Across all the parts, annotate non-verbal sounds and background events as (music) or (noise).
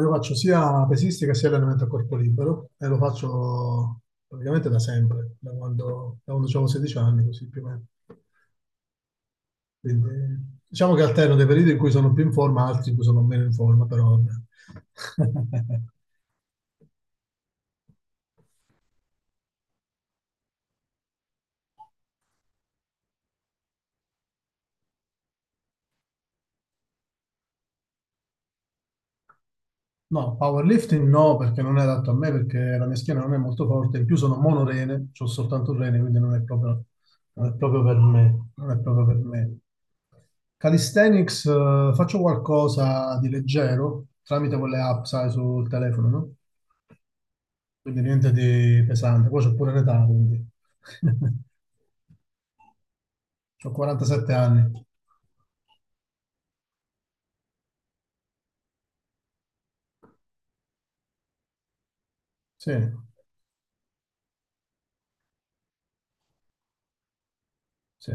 Io faccio sia pesistica sia allenamento a corpo libero e lo faccio praticamente da sempre, da quando avevo 16 anni, così più o meno. Quindi, diciamo che alterno dei periodi in cui sono più in forma, altri in cui sono meno in forma, però vabbè. (laughs) No, powerlifting no, perché non è adatto a me, perché la mia schiena non è molto forte, in più sono monorene, ho soltanto un rene, quindi non è proprio per me, non è proprio per me. Calisthenics, faccio qualcosa di leggero tramite quelle app, sai, sul telefono, no? Quindi niente di pesante. Poi c'ho pure l'età, quindi. (laughs) Ho 47 anni. Sì, sì,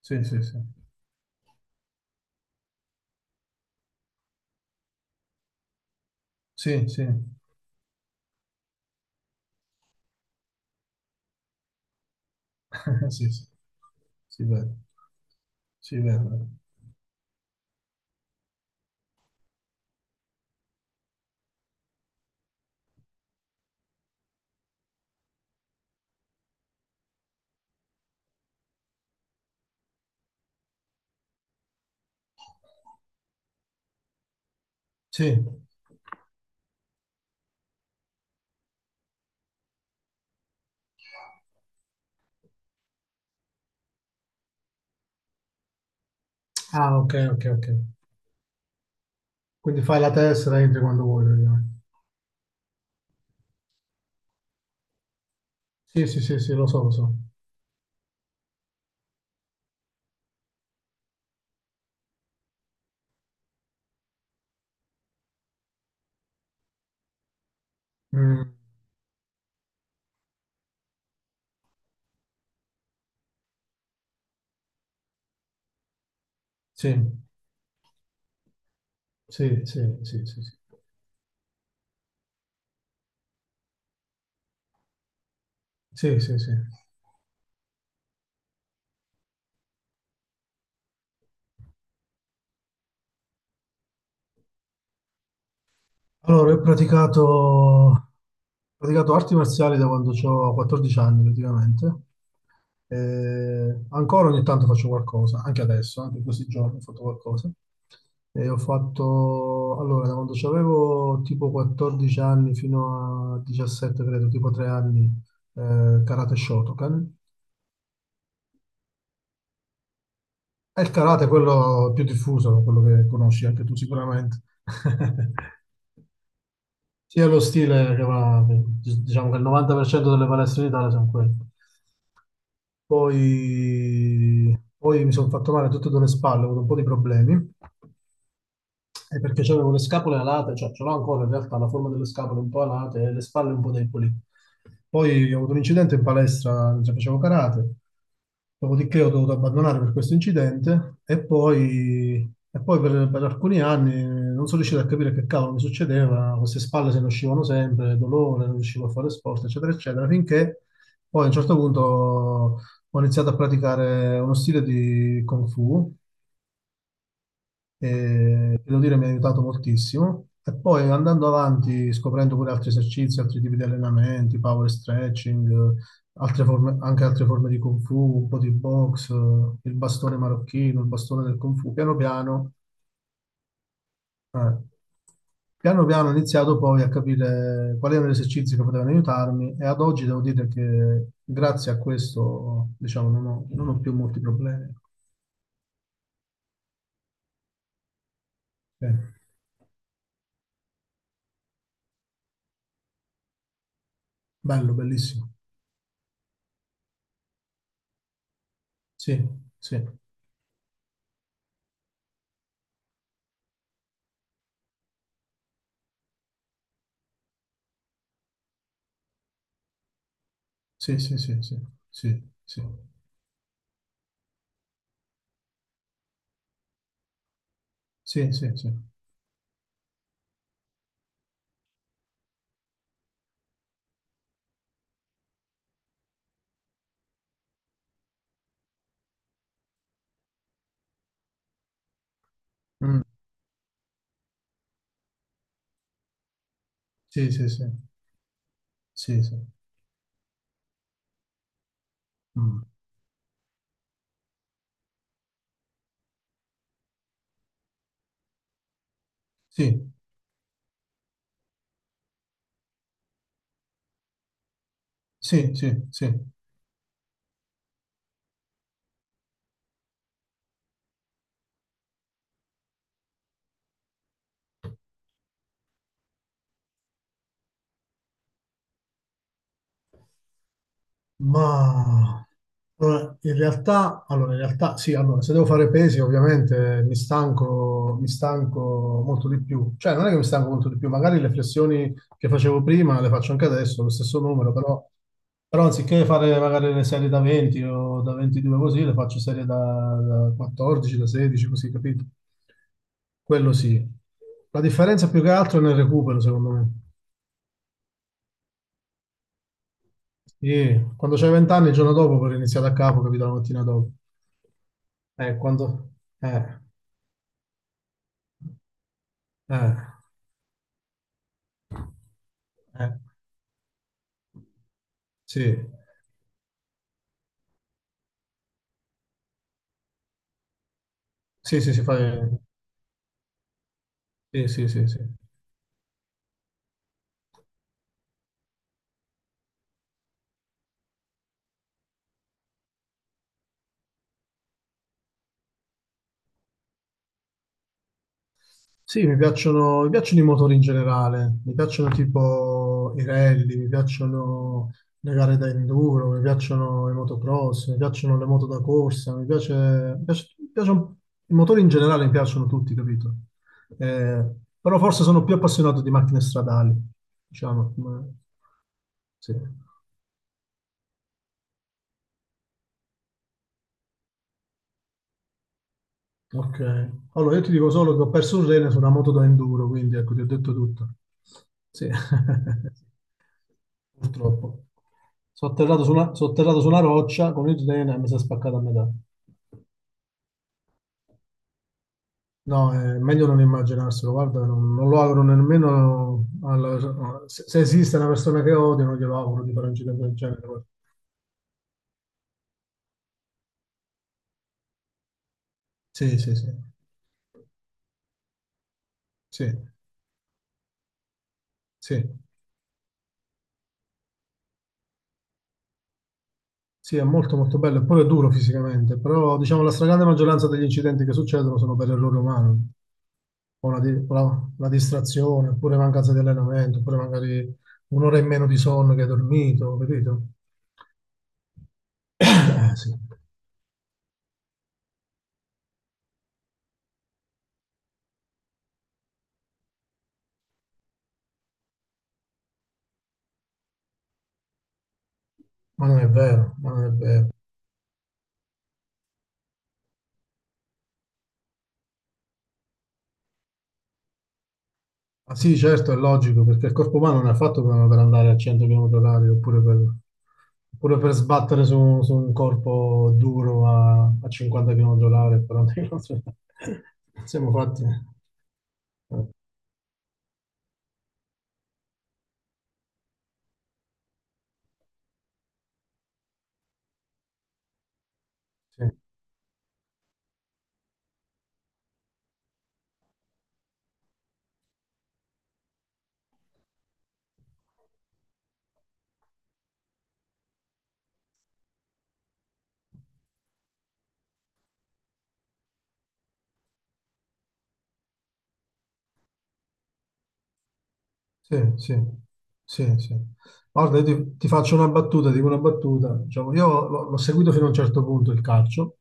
sì, sì, sì. Sì, sì, (laughs) sì, sì, sì, vero, sì, vero, vero. Sì. Ah, ok, ok, ok. Quindi fai la tessera e entri quando vuoi, praticamente. Sì, sì, sì, sì, lo so, lo so. Mm. Sì, sì, sì, sì, sì, sì. Sì, sì, sì. Allora, ho praticato arti marziali da quando ho 14 anni praticamente. Ancora ogni tanto faccio qualcosa, anche adesso, anche in questi giorni ho fatto qualcosa. E ho fatto, allora, da quando avevo tipo 14 anni fino a 17, credo, tipo 3 anni, karate Shotokan. E il karate è quello più diffuso, quello che conosci anche tu sicuramente. (laughs) Sì, è lo stile che va, diciamo che il 90% delle palestre in Italia sono quelle. Poi mi sono fatto male a tutte e due le spalle, ho avuto un po' di problemi è perché avevo le scapole alate, cioè ce l'ho ancora in realtà la forma delle scapole un po' alate e le spalle un po' deboli. Poi ho avuto un incidente in palestra mentre facevo karate, dopodiché ho dovuto abbandonare per questo incidente e poi, e poi per alcuni anni non sono riuscito a capire che cavolo mi succedeva, queste spalle se ne uscivano sempre, dolore, non riuscivo a fare sport, eccetera, eccetera, finché poi a un certo punto ho iniziato a praticare uno stile di Kung Fu e devo dire mi ha aiutato moltissimo. E poi andando avanti, scoprendo pure altri esercizi, altri tipi di allenamenti, power stretching, eh, anche altre forme di Kung Fu, un po' di box, il bastone marocchino, il bastone del Kung Fu, piano piano. eh, Piano piano ho iniziato poi a capire quali erano gli esercizi che potevano aiutarmi e ad oggi devo dire che grazie a questo, diciamo, non ho più molti problemi. Eh, Bello, bellissimo. Sì, sì. Sì, sì, sì, sì, sì, sì, sì, sì, sì. Mm. Sì, sì, sì, sì, sì. Mm. Sì, sì, sì, sì. Ma allora, in realtà sì, allora, se devo fare pesi ovviamente mi stanco molto di più. Cioè non è che mi stanco molto di più, magari le flessioni che facevo prima le faccio anche adesso, lo stesso numero, però anziché fare magari le serie da 20 o da 22 così, le faccio serie da 14, da 16, così, capito? Quello sì. La differenza più che altro è nel recupero, secondo me. Sì, quando c'hai 20 anni, il giorno dopo puoi iniziare da capo, capito, la mattina dopo. Eh, quando... Eh, eh, eh, sì, sì, sì, Sì, sì, sì, sì. Sì, mi piacciono i motori in generale, mi piacciono tipo i rally, mi piacciono le gare da enduro, mi piacciono i motocross, mi piacciono le moto da corsa, mi piace, mi piace- mi piacciono- i motori in generale mi piacciono tutti, capito? Eh, Però forse sono più appassionato di macchine stradali, diciamo. Sì. Ok, allora io ti dico solo che ho perso un rene su una moto da enduro, quindi ecco, ti ho detto tutto. Sì, (laughs) purtroppo. Sono atterrato su una roccia con il rene e mi si è spaccato a metà. No, è meglio non immaginarselo, guarda, non lo auguro nemmeno se esiste una persona che odio, non glielo auguro di fare un incidente del genere. Guarda. Sì, sì, sì, sì, sì, sì, è molto molto bello, e pure è duro fisicamente, però diciamo la stragrande maggioranza degli incidenti che succedono sono per errore umano. O la distrazione, oppure mancanza di allenamento, oppure magari un'ora in meno di sonno che hai dormito, capito? Eh sì, ma non è vero, ma non è vero. Ah sì, certo, è logico, perché il corpo umano non è fatto per andare a 100 km orari oppure per sbattere su un corpo duro a 50 km orari, 40 km orari. (laughs) Siamo fatti. Eh, sì. Sì, sì, sì, sì. Guarda, io ti faccio una battuta, dico una battuta. Diciamo, io l'ho seguito fino a un certo punto il calcio.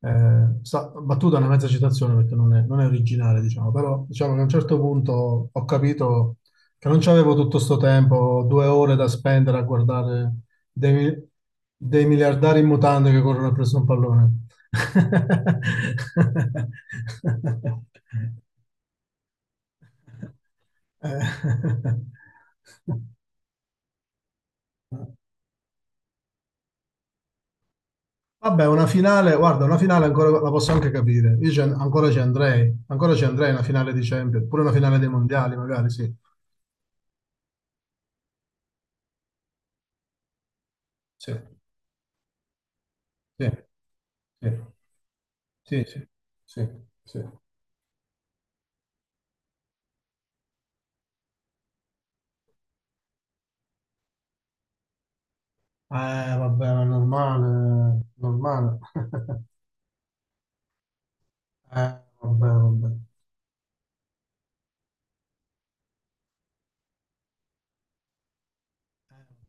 Battuta è una mezza citazione perché non è originale, diciamo, però diciamo che a un certo punto ho capito che non c'avevo tutto sto tempo, 2 ore da spendere a guardare dei, mi- dei miliardari in mutande che corrono presso un pallone. (laughs) Eh. Vabbè, una finale, guarda, una finale ancora la posso anche capire. Ancora ci andrei, ancora ci andrei a una finale di Champions, pure una finale dei mondiali, magari, sì. Sì, sì, sì, sì, sì, sì, sì. Vabbè, ma è normale, è normale. (laughs) Vabbè, vabbè.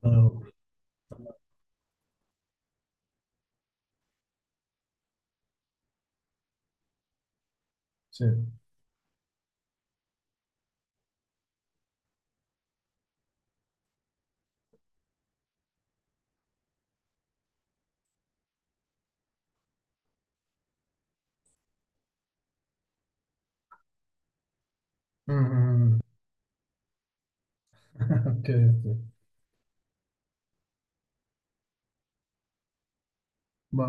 Vabbè, vabbè. Sì. Mm, mm, mm. (laughs) Ok, ok. Va